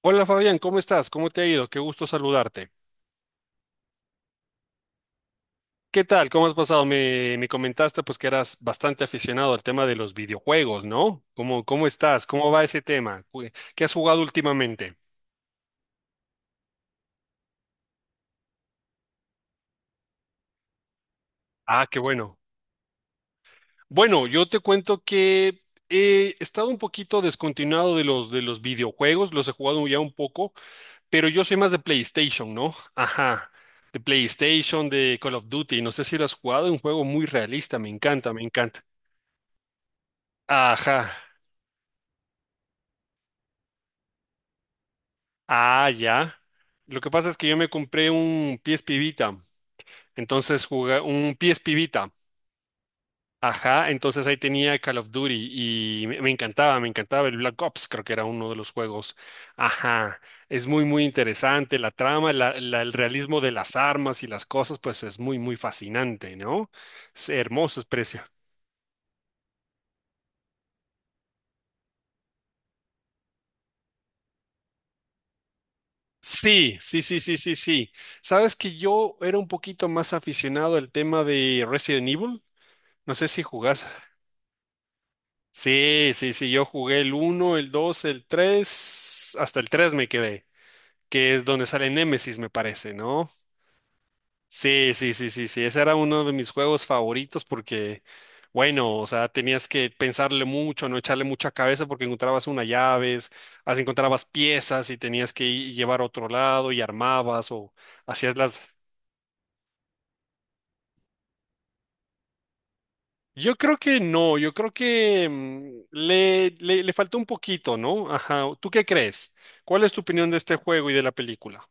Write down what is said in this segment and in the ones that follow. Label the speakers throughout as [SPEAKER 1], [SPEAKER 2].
[SPEAKER 1] Hola Fabián, ¿cómo estás? ¿Cómo te ha ido? Qué gusto saludarte. ¿Qué tal? ¿Cómo has pasado? Me comentaste, pues, que eras bastante aficionado al tema de los videojuegos, ¿no? ¿Cómo estás? ¿Cómo va ese tema? ¿Qué has jugado últimamente? Ah, qué bueno. Bueno, yo te cuento que he estado un poquito descontinuado de los videojuegos, los he jugado ya un poco, pero yo soy más de PlayStation, ¿no? Ajá. De PlayStation, de Call of Duty, no sé si lo has jugado, es un juego muy realista, me encanta, me encanta. Ajá. Ah, ya. Lo que pasa es que yo me compré un PSP Vita. Entonces jugué un PSP Vita. Ajá, entonces ahí tenía Call of Duty y me encantaba, me encantaba el Black Ops, creo que era uno de los juegos. Ajá, es muy, muy interesante la trama, el realismo de las armas y las cosas, pues es muy, muy fascinante, ¿no? Es hermoso, es precio. Sí, sí, sí, sí, sí, sí. Sabes que yo era un poquito más aficionado al tema de Resident Evil. No sé si jugás. Sí, sí, sí, yo jugué el uno, el 2, el 3, hasta el 3 me quedé, que es donde sale Nemesis, me parece, ¿no? Sí, sí, sí, sí, sí, ese era uno de mis juegos favoritos porque, bueno, o sea, tenías que pensarle mucho, no echarle mucha cabeza porque encontrabas unas llaves, así encontrabas piezas y tenías que llevar a otro lado y armabas o hacías las. Yo creo que no, yo creo que le falta un poquito, ¿no? Ajá, ¿tú qué crees? ¿Cuál es tu opinión de este juego y de la película?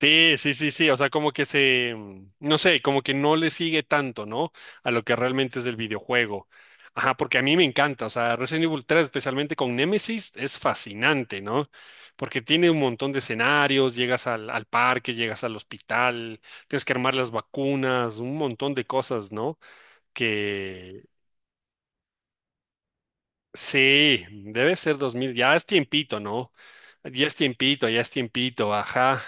[SPEAKER 1] Sí, sí, sí, sí, o sea, como que se, no sé, como que no le sigue tanto, ¿no? A lo que realmente es el videojuego. Ajá, porque a mí me encanta, o sea, Resident Evil 3, especialmente con Nemesis, es fascinante, ¿no? Porque tiene un montón de escenarios, llegas al parque, llegas al hospital, tienes que armar las vacunas, un montón de cosas, ¿no? Que sí, debe ser 2000, ya es tiempito, ¿no? Ya es tiempito, ajá,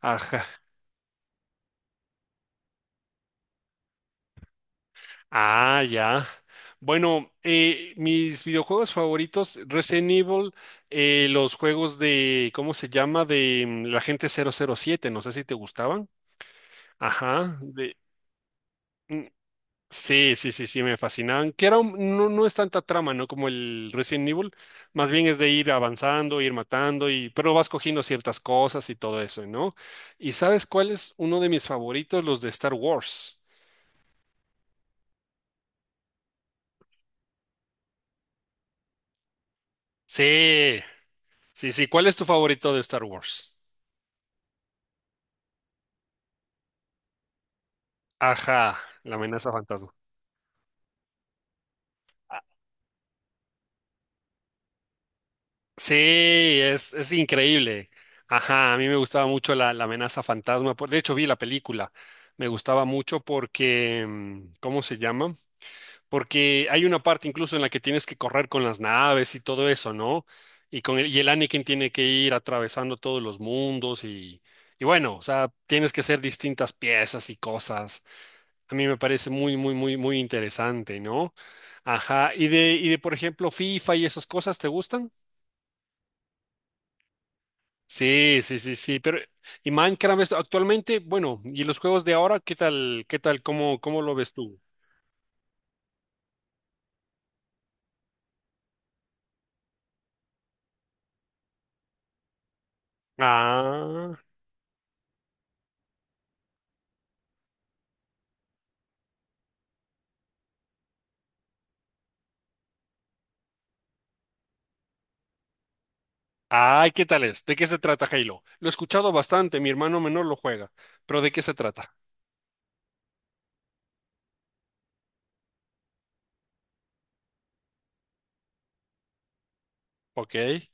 [SPEAKER 1] ajá, ah, ya. Bueno, mis videojuegos favoritos, Resident Evil, los juegos de, ¿cómo se llama? De la gente 007, no sé si te gustaban. Ajá, de, mm, sí, sí, sí, sí, me fascinaban. Que era un- no, no es tanta trama, ¿no? Como el Resident Evil. Más bien es de ir avanzando, ir matando, y, pero vas cogiendo ciertas cosas y todo eso, ¿no? ¿Y sabes cuál es uno de mis favoritos? Los de Star Wars. Sí, sí, sí. ¿Cuál es tu favorito de Star Wars? Ajá, la amenaza fantasma. Sí, es increíble. Ajá, a mí me gustaba mucho la amenaza fantasma. De hecho, vi la película. Me gustaba mucho porque, ¿cómo se llama? Porque hay una parte incluso en la que tienes que correr con las naves y todo eso, ¿no? Y y el Anakin tiene que ir atravesando todos los mundos y bueno, o sea, tienes que hacer distintas piezas y cosas. A mí me parece muy, muy, muy, muy interesante, ¿no? Ajá. Y de, por ejemplo, FIFA y esas cosas, ¿te gustan? Sí, sí, sí, sí. Pero, y Minecraft esto, actualmente, bueno, y los juegos de ahora, qué tal, cómo, cómo lo ves tú? Ah. Ay, ¿qué tal es? ¿De qué se trata Halo? Lo he escuchado bastante, mi hermano menor lo juega, pero ¿de qué se trata? Ok.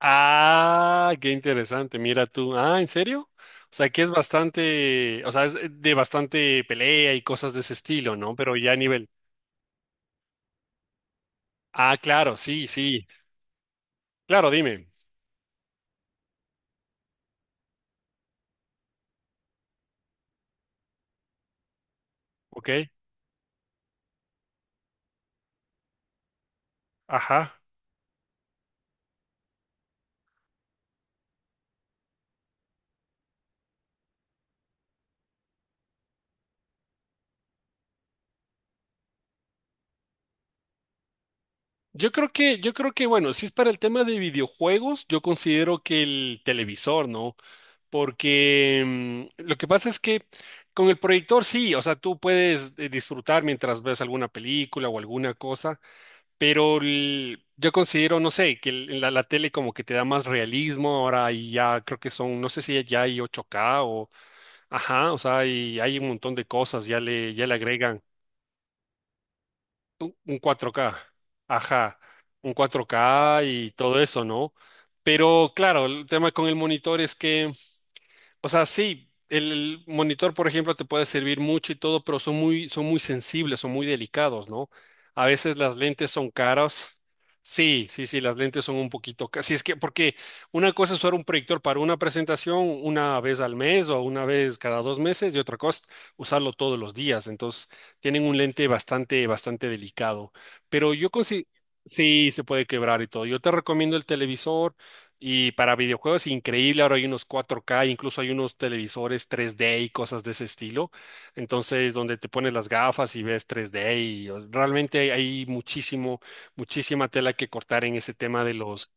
[SPEAKER 1] Ah, qué interesante, mira tú. Ah, ¿en serio? O sea, que es bastante, o sea, es de bastante pelea y cosas de ese estilo, ¿no? Pero ya a nivel. Ah, claro, sí, sí. Claro, dime. Ok. Ajá. Yo creo que, bueno, si es para el tema de videojuegos, yo considero que el televisor, ¿no? Porque lo que pasa es que con el proyector sí, o sea, tú puedes disfrutar mientras ves alguna película o alguna cosa, pero yo considero, no sé, que la tele como que te da más realismo. Ahora, y ya creo que son, no sé si ya hay 8K o, ajá, o sea, y hay un montón de cosas, ya le agregan un 4K, ajá, un 4K y todo eso, ¿no? Pero claro, el tema con el monitor es que, o sea, sí, el monitor, por ejemplo, te puede servir mucho y todo, pero son muy sensibles, son muy delicados, ¿no? A veces las lentes son caras. Sí, sí, sí, las lentes son un poquito caras. Sí, es que, porque una cosa es usar un proyector para una presentación una vez al mes o una vez cada dos meses y otra cosa, usarlo todos los días. Entonces, tienen un lente bastante, bastante delicado. Pero yo considero, sí, se puede quebrar y todo. Yo te recomiendo el televisor. Y para videojuegos, increíble, ahora hay unos 4K, incluso hay unos televisores 3D y cosas de ese estilo. Entonces, donde te pones las gafas y ves 3D y realmente hay muchísimo, muchísima tela que cortar en ese tema de los.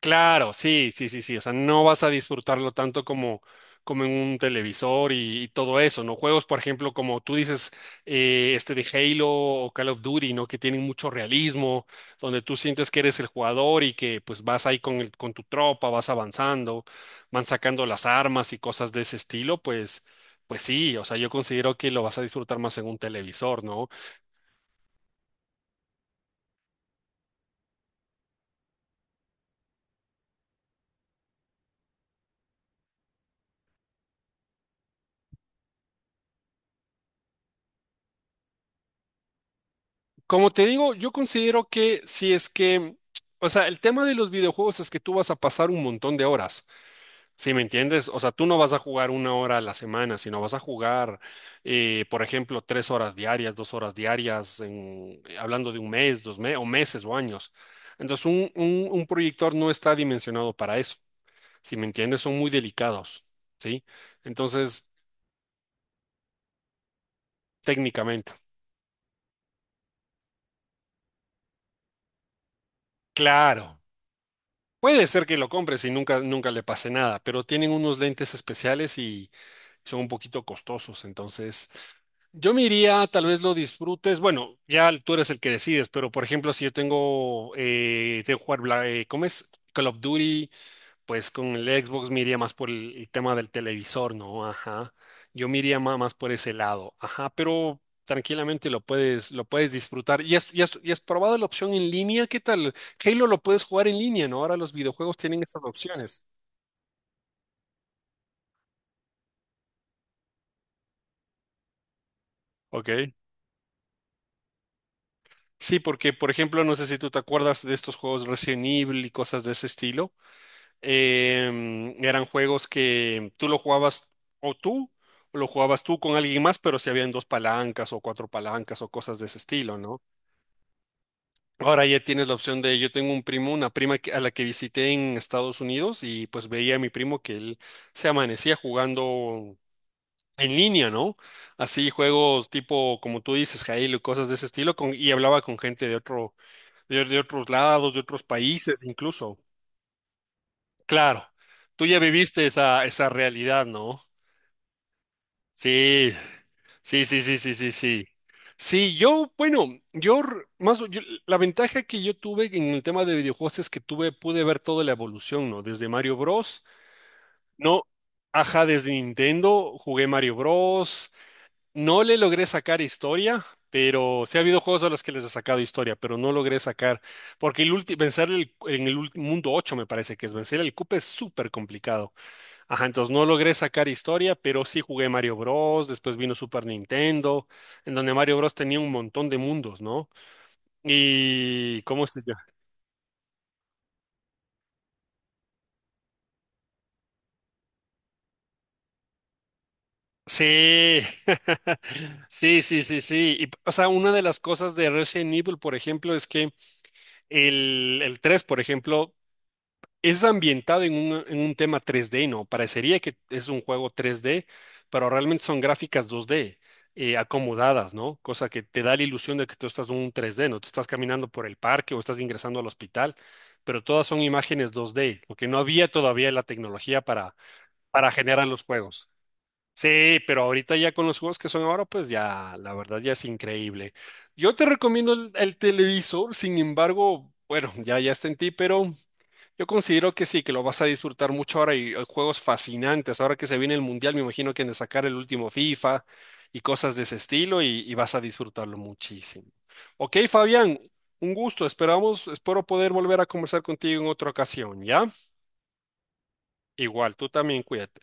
[SPEAKER 1] Claro, sí, sí, sí, sí. O sea, no vas a disfrutarlo tanto como, como en un televisor y todo eso, ¿no? Juegos, por ejemplo, como tú dices, este de Halo o Call of Duty, ¿no? Que tienen mucho realismo, donde tú sientes que eres el jugador y que pues vas ahí con con tu tropa, vas avanzando, van sacando las armas y cosas de ese estilo, pues, pues sí, o sea, yo considero que lo vas a disfrutar más en un televisor, ¿no? Como te digo, yo considero que si es que, o sea, el tema de los videojuegos es que tú vas a pasar un montón de horas, ¿sí me entiendes? O sea, tú no vas a jugar una hora a la semana, sino vas a jugar, por ejemplo, tres horas diarias, dos horas diarias, hablando de un mes, dos meses, o meses o años. Entonces, un proyector no está dimensionado para eso, ¿sí me entiendes? Son muy delicados, ¿sí? Entonces, técnicamente. Claro, puede ser que lo compres y nunca, nunca le pase nada, pero tienen unos lentes especiales y son un poquito costosos. Entonces, yo me iría, tal vez lo disfrutes. Bueno, ya tú eres el que decides, pero por ejemplo, si yo tengo, tengo que jugar, ¿cómo es? Call of Duty, pues con el Xbox me iría más por el tema del televisor, ¿no? Ajá. Yo me iría más, por ese lado. Ajá, pero tranquilamente lo puedes disfrutar. ¿Y has probado la opción en línea? ¿Qué tal? Halo lo puedes jugar en línea, ¿no? Ahora los videojuegos tienen esas opciones. Ok. Sí, porque, por ejemplo, no sé si tú te acuerdas de estos juegos Resident Evil y cosas de ese estilo. Eran juegos que tú lo jugabas o tú, o lo jugabas tú con alguien más, pero si habían dos palancas o cuatro palancas o cosas de ese estilo, ¿no? Ahora ya tienes la opción de, yo tengo un primo, una prima a la que visité en Estados Unidos y pues veía a mi primo que él se amanecía jugando en línea, ¿no? Así juegos tipo, como tú dices, Jail, cosas de ese estilo, y hablaba con gente de otro, de otros lados, de otros países incluso. Claro. Tú ya viviste esa, esa realidad, ¿no? Sí, sí, sí, sí, sí, sí, sí. Sí, yo, bueno, más, la ventaja que yo tuve en el tema de videojuegos es que tuve, pude ver toda la evolución, ¿no? Desde Mario Bros. No, ajá, desde Nintendo jugué Mario Bros. No le logré sacar historia, pero sí ha habido juegos a los que les he sacado historia, pero no logré sacar, porque vencer mundo 8 me parece que es vencer el cupe es súper complicado. Ajá, entonces no logré sacar historia, pero sí jugué Mario Bros. Después vino Super Nintendo, en donde Mario Bros. Tenía un montón de mundos, ¿no? Y ¿cómo se llama? Sí, sí, sí, sí, sí. Y, o sea, una de las cosas de Resident Evil, por ejemplo, es que el 3, por ejemplo, es ambientado en un tema 3D, ¿no? Parecería que es un juego 3D, pero realmente son gráficas 2D, acomodadas, ¿no? Cosa que te da la ilusión de que tú estás en un 3D, ¿no? Te estás caminando por el parque o estás ingresando al hospital, pero todas son imágenes 2D, porque no había todavía la tecnología para generar los juegos. Sí, pero ahorita ya con los juegos que son ahora, pues ya, la verdad ya es increíble. Yo te recomiendo el televisor, sin embargo, bueno, ya, ya está en ti, pero... Yo considero que sí, que lo vas a disfrutar mucho ahora y hay juegos fascinantes. Ahora que se viene el Mundial, me imagino que han de sacar el último FIFA y cosas de ese estilo y vas a disfrutarlo muchísimo. Ok, Fabián, un gusto. Esperamos, espero poder volver a conversar contigo en otra ocasión, ¿ya? Igual, tú también cuídate.